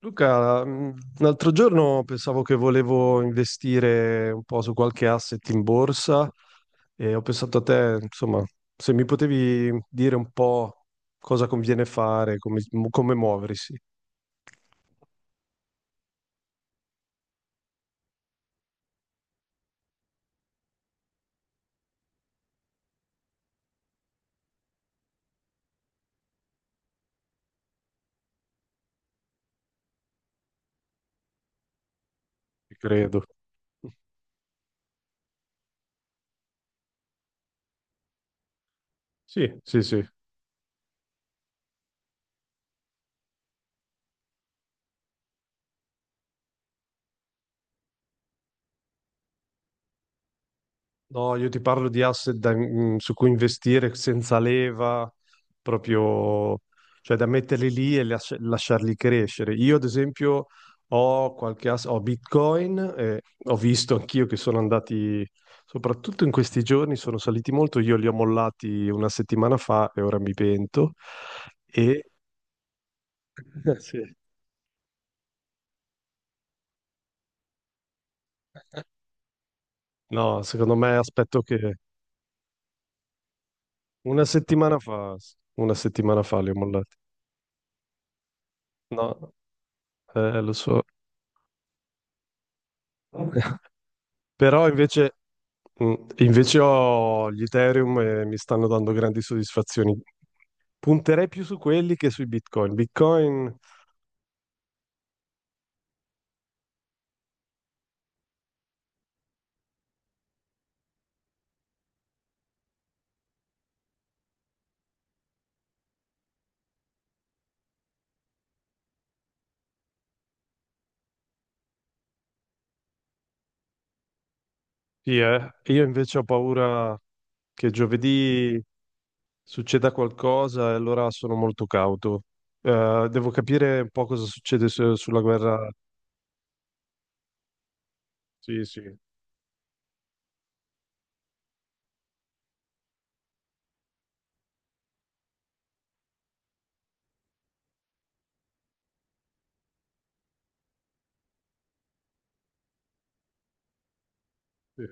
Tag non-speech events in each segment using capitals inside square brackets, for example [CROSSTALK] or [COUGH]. Luca, l'altro giorno pensavo che volevo investire un po' su qualche asset in borsa e ho pensato a te, insomma, se mi potevi dire un po' cosa conviene fare, come muoversi, credo. Sì, sì, sì. No, io ti parlo di asset su cui investire senza leva, proprio, cioè da metterli lì e lasciarli crescere. Io, ad esempio, ho Bitcoin, e ho visto anch'io che sono andati, soprattutto in questi giorni, sono saliti molto. Io li ho mollati una settimana fa e ora mi pento. E [LAUGHS] sì. No, secondo me aspetto che una settimana fa, una settimana fa li ho mollati. No, lo so. Però invece ho gli Ethereum e mi stanno dando grandi soddisfazioni. Punterei più su quelli che sui Bitcoin. Bitcoin, sì, eh. Io invece ho paura che giovedì succeda qualcosa e allora sono molto cauto. Devo capire un po' cosa succede sulla guerra. Sì, sì. Sì.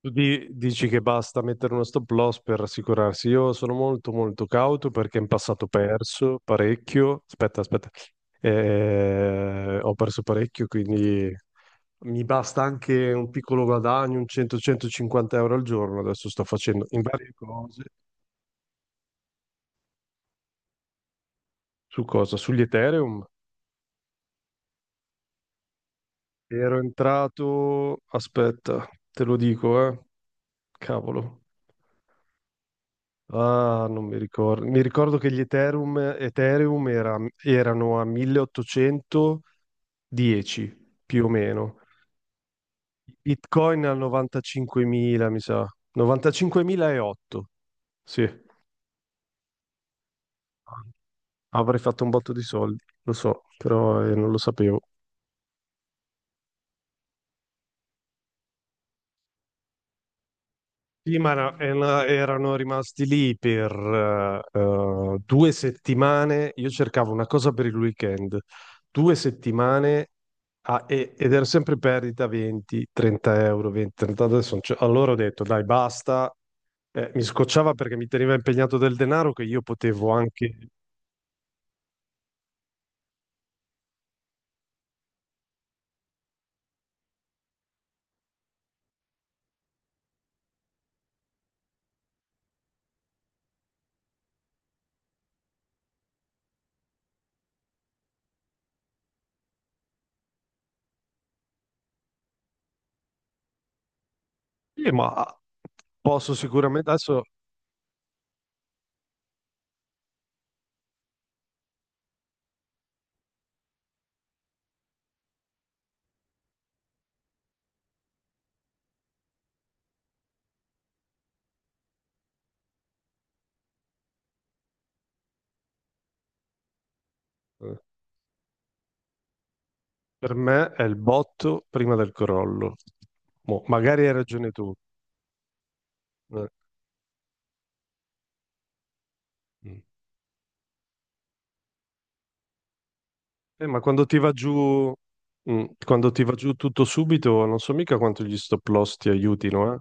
Tu dici che basta mettere uno stop loss per assicurarsi. Io sono molto molto cauto perché in passato ho perso parecchio. Aspetta, aspetta. Ho perso parecchio, quindi mi basta anche un piccolo guadagno, un 100-150 € al giorno. Adesso sto facendo in varie cose. Su cosa? Sugli Ethereum. Ero entrato, aspetta, te lo dico, eh. Cavolo. Ah, non mi ricordo. Mi ricordo che gli Ethereum erano a 1810 più o meno. Bitcoin a 95.000, mi sa. 95.008. Sì, avrei fatto un botto di soldi, lo so, però non lo sapevo. Sì, ma no, erano rimasti lì per due settimane. Io cercavo una cosa per il weekend, due settimane ed era sempre perdita 20, 30 euro, 20, 30 adesso. Non c'è- Allora ho detto, dai, basta. Mi scocciava perché mi teneva impegnato del denaro che io potevo anche... Ma posso sicuramente... Adesso eh, per me è il botto prima del crollo. Mo, magari hai ragione tu. Eh. Mm. Ma quando ti va giù, quando ti va giù tutto subito, non so mica quanto gli stop loss ti aiutino, eh?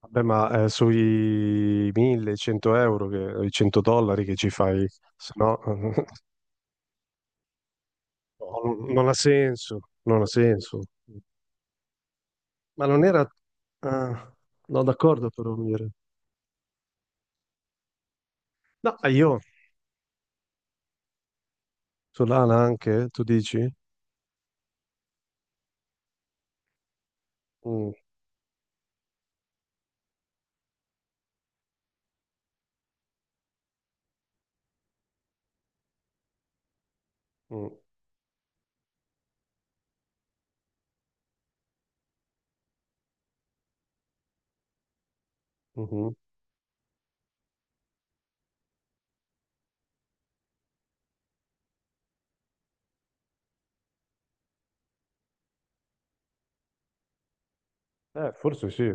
Vabbè, ma sui 1000, i 100 euro, che, i 100 dollari che ci fai, se no [LAUGHS] no, non ha senso, non ha senso. Ma non era... ah, no, d'accordo però, Mire. No, ah, Solana anche, tu dici? Mm, mm, mhm. Forse sì.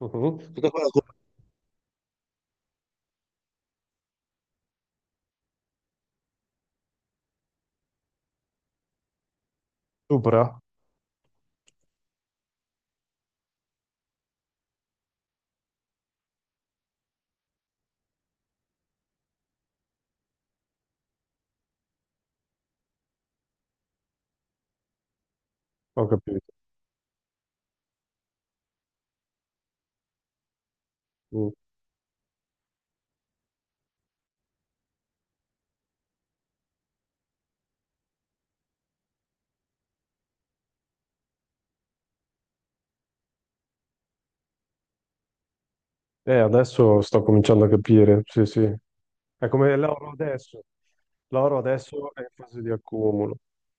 Mhm. Sopra? [LAUGHS] Ho capito. Mm. Adesso sto cominciando a capire, sì, sì. È come l'oro adesso. L'oro adesso è in fase di accumulo,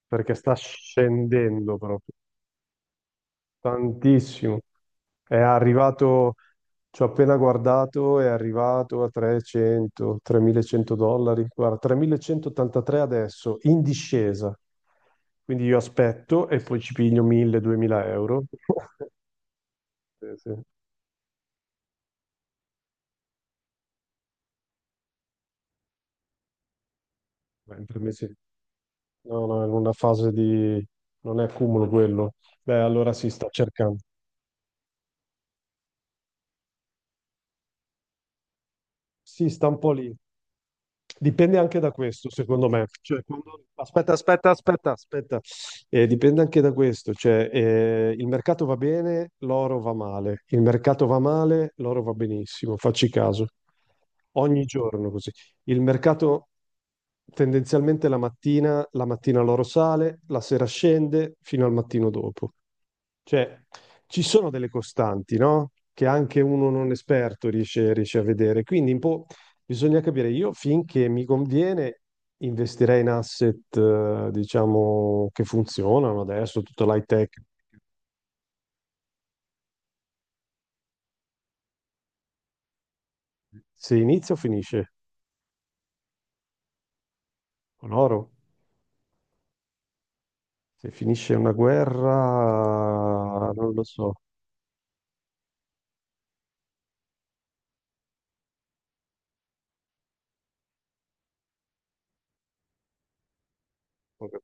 perché sta scendendo proprio tantissimo. È arrivato, ci ho appena guardato, è arrivato a 300, 3100 dollari. Guarda, 3183 adesso, in discesa. Quindi io aspetto e poi ci piglio 1000-2000 euro. [LAUGHS] Sì, sì. Ma in tre mesi. No, no, è in una fase di... non è cumulo quello. Beh, allora si sta cercando. Si sta un po' lì. Dipende anche da questo, secondo me. Cioè, Aspetta, aspetta, aspetta, aspetta. Dipende anche da questo. Cioè, il mercato va bene, l'oro va male. Il mercato va male, l'oro va benissimo. Facci caso. Ogni giorno così. Il mercato tendenzialmente la mattina l'oro sale, la sera scende fino al mattino dopo. Cioè, ci sono delle costanti, no? Che anche uno non esperto riesce a vedere. Quindi un po' bisogna capire. Io finché mi conviene investirei in asset, diciamo, che funzionano adesso, tutta l'high tech. Se inizia o finisce? Con oro? Se finisce una guerra, non lo so. Ok.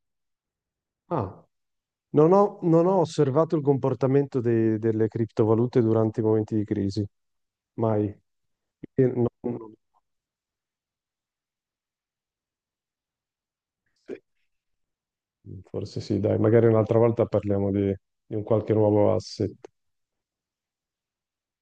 Ah, non ho osservato il comportamento delle criptovalute durante i momenti di crisi. Mai. No, no. Sì. Forse sì, dai, magari un'altra volta parliamo di un qualche nuovo asset.